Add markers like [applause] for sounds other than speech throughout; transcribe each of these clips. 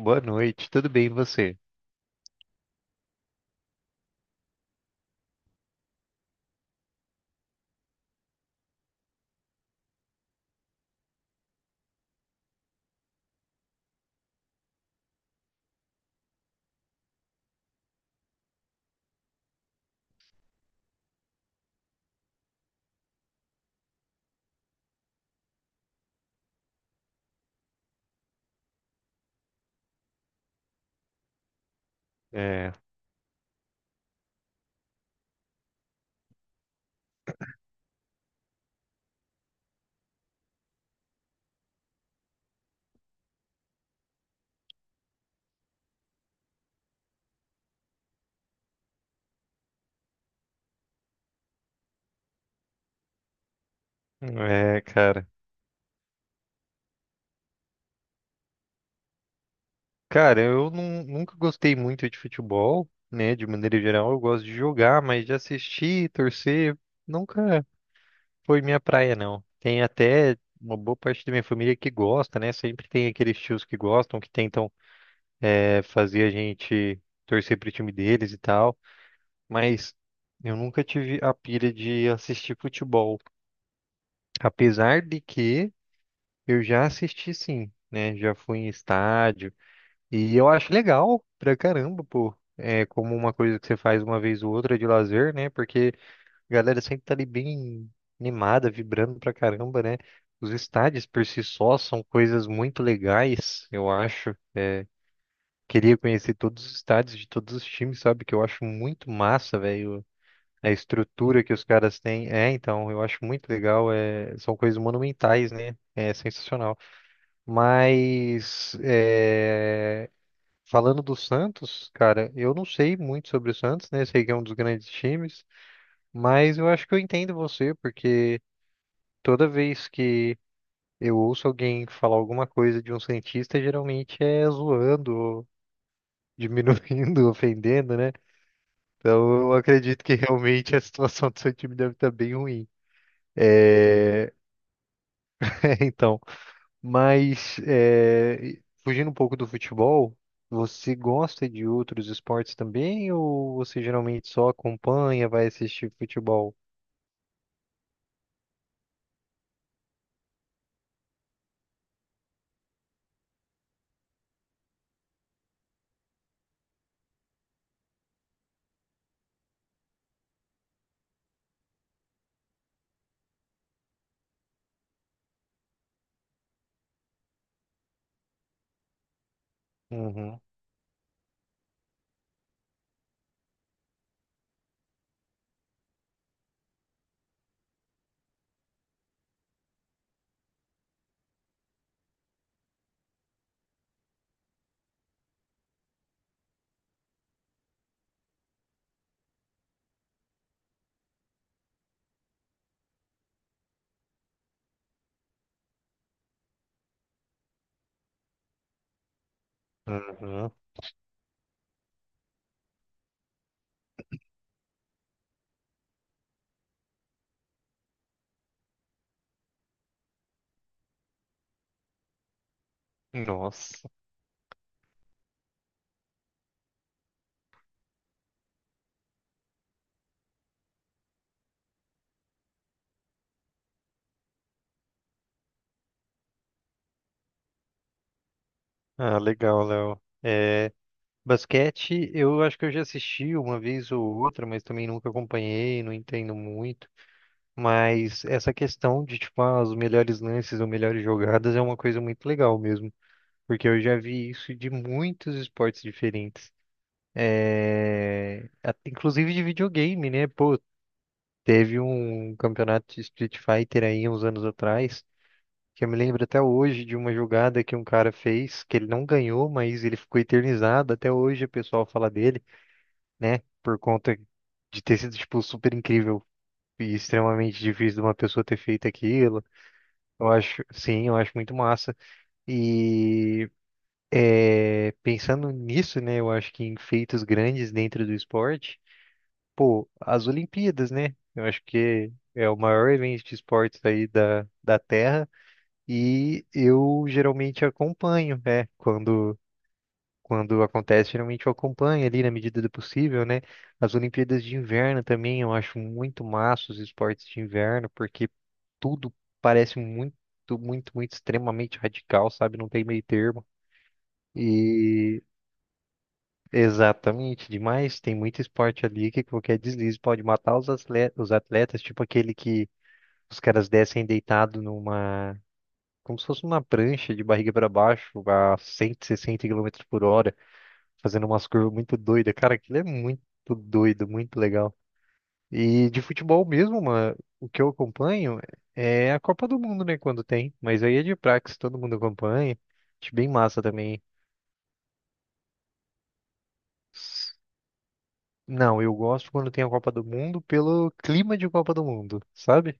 Boa noite, tudo bem e você? É, é, cara. Cara, nunca gostei muito de futebol, né? De maneira geral, eu gosto de jogar, mas de assistir, torcer, nunca foi minha praia, não. Tem até uma boa parte da minha família que gosta, né? Sempre tem aqueles tios que gostam, que tentam, fazer a gente torcer pro time deles e tal, mas eu nunca tive a pira de assistir futebol. Apesar de que. Eu já assisti sim, né? Já fui em estádio e eu acho legal pra caramba, pô. É como uma coisa que você faz uma vez ou outra de lazer, né? Porque a galera sempre tá ali bem animada, vibrando pra caramba, né? Os estádios por si só são coisas muito legais, eu acho. Queria conhecer todos os estádios de todos os times, sabe? Que eu acho muito massa, velho. A estrutura que os caras têm. É, então, eu acho muito legal. É... São coisas monumentais, né? É sensacional. Mas é, falando do Santos, cara, eu não sei muito sobre o Santos, né? Sei que é um dos grandes times, mas eu acho que eu entendo você, porque toda vez que eu ouço alguém falar alguma coisa de um Santista, geralmente é zoando, ou diminuindo, [laughs] ofendendo, né? Então eu acredito que realmente a situação do seu time deve estar bem ruim. É, [laughs] então. Mas é, fugindo um pouco do futebol, você gosta de outros esportes também ou você geralmente só acompanha, vai assistir futebol? Uhum, uhum. Nossa. Ah, legal, Léo. É, basquete, eu acho que eu já assisti uma vez ou outra, mas também nunca acompanhei, não entendo muito. Mas essa questão de, tipo, ah, os melhores lances ou melhores jogadas é uma coisa muito legal mesmo, porque eu já vi isso de muitos esportes diferentes. É, inclusive de videogame, né? Pô, teve um campeonato de Street Fighter aí uns anos atrás, que eu me lembro até hoje de uma jogada que um cara fez, que ele não ganhou, mas ele ficou eternizado. Até hoje o pessoal fala dele, né? Por conta de ter sido, tipo, super incrível e extremamente difícil de uma pessoa ter feito aquilo. Eu acho, sim, eu acho muito massa. E é, pensando nisso, né? Eu acho que em feitos grandes dentro do esporte. As Olimpíadas, né? Eu acho que é o maior evento de esportes aí da Terra e eu geralmente acompanho, né? Quando, quando acontece, geralmente eu acompanho ali na medida do possível, né? As Olimpíadas de Inverno também, eu acho muito massa os esportes de inverno, porque tudo parece muito, muito, muito extremamente radical, sabe? Não tem meio termo. e Exatamente, demais. Tem muito esporte ali que qualquer deslize pode matar os atletas, tipo aquele que os caras descem deitado numa, como se fosse uma prancha de barriga para baixo a 160 km por hora, fazendo umas curvas muito doidas. Cara, aquilo é muito doido, muito legal. E de futebol mesmo, mano, o que eu acompanho é a Copa do Mundo, né, quando tem, mas aí é de praxe, todo mundo acompanha. Acho bem massa também. Não, eu gosto quando tem a Copa do Mundo pelo clima de Copa do Mundo, sabe?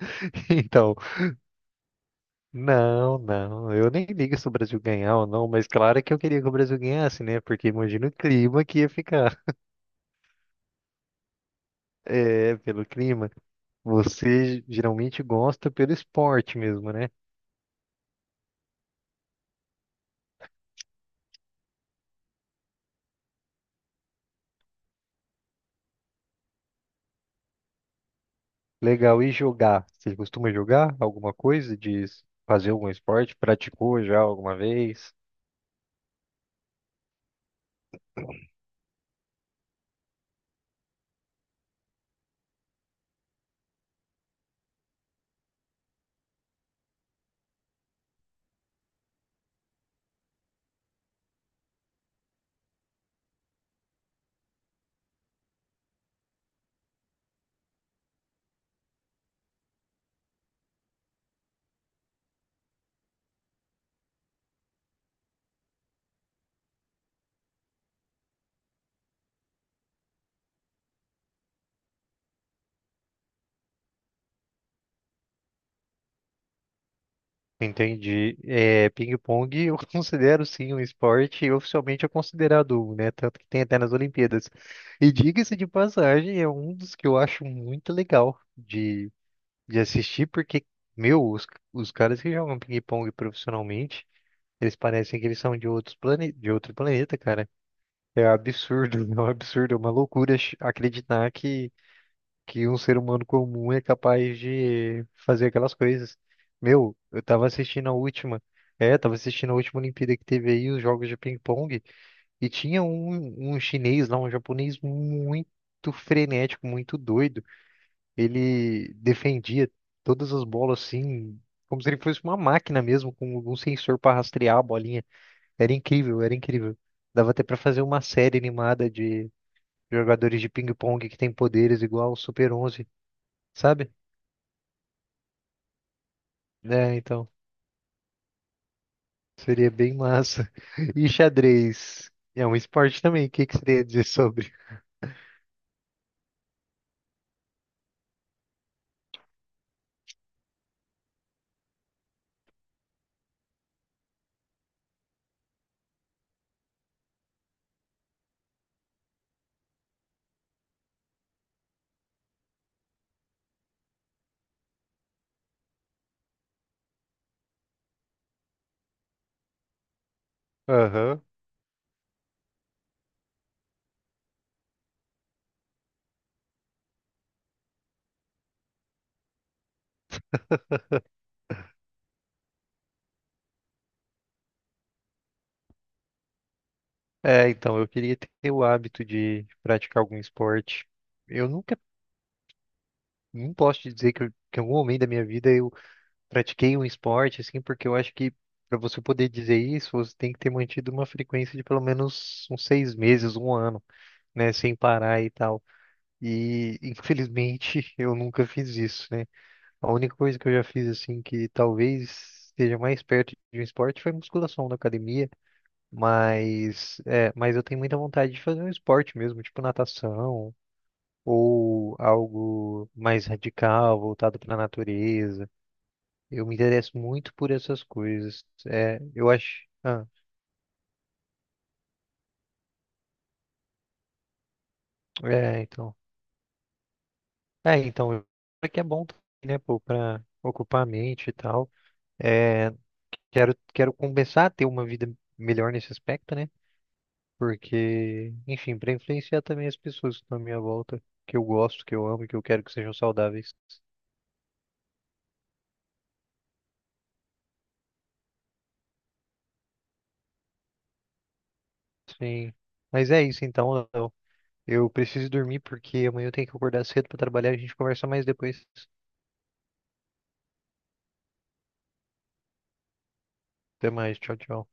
[laughs] Então, não, não, eu nem ligo se o Brasil ganhar ou não, mas claro que eu queria que o Brasil ganhasse, né? Porque imagina o clima que ia ficar. [laughs] É, pelo clima. Você geralmente gosta pelo esporte mesmo, né? Legal, e jogar? Você costuma jogar alguma coisa? De fazer algum esporte? Praticou já alguma vez? Entendi. É, ping-pong eu [laughs] considero sim um esporte e oficialmente é considerado um, né? Tanto que tem até nas Olimpíadas. E diga-se de passagem, é um dos que eu acho muito legal de assistir, porque, meu, os caras que jogam ping-pong profissionalmente, eles parecem que eles são de de outro planeta, cara. É absurdo, [laughs] é um absurdo, é uma loucura acreditar que um ser humano comum é capaz de fazer aquelas coisas. Meu, eu tava assistindo a última, é, tava assistindo a última Olimpíada que teve aí, os jogos de ping-pong, e tinha um chinês lá, um japonês muito frenético, muito doido. Ele defendia todas as bolas assim, como se ele fosse uma máquina mesmo, com um sensor para rastrear a bolinha. Era incrível, era incrível. Dava até pra fazer uma série animada de jogadores de ping-pong que tem poderes igual ao Super 11, sabe? É, então, seria bem massa. [laughs] E xadrez? É um esporte também, o que que você ia dizer sobre? Aham. [laughs] É, então, eu queria ter o hábito de praticar algum esporte. Eu nunca, não posso te dizer que, que em algum momento da minha vida eu pratiquei um esporte, assim, porque eu acho que para você poder dizer isso, você tem que ter mantido uma frequência de pelo menos uns 6 meses, 1 ano, né, sem parar e tal. E, infelizmente, [laughs] eu nunca fiz isso, né? A única coisa que eu já fiz assim que talvez seja mais perto de um esporte foi musculação na academia, mas é, mas eu tenho muita vontade de fazer um esporte mesmo, tipo natação ou algo mais radical, voltado para a natureza. Eu me interesso muito por essas coisas. É, eu acho, ah, é, então. É, então, é que é bom, também, né, pô, para ocupar a mente e tal. É, quero começar a ter uma vida melhor nesse aspecto, né? Porque, enfim, para influenciar também as pessoas que estão à minha volta, que eu gosto, que eu amo, e que eu quero que sejam saudáveis. Sim. Mas é isso então, Léo. Eu preciso dormir porque amanhã eu tenho que acordar cedo para trabalhar. A gente conversa mais depois. Até mais. Tchau, tchau.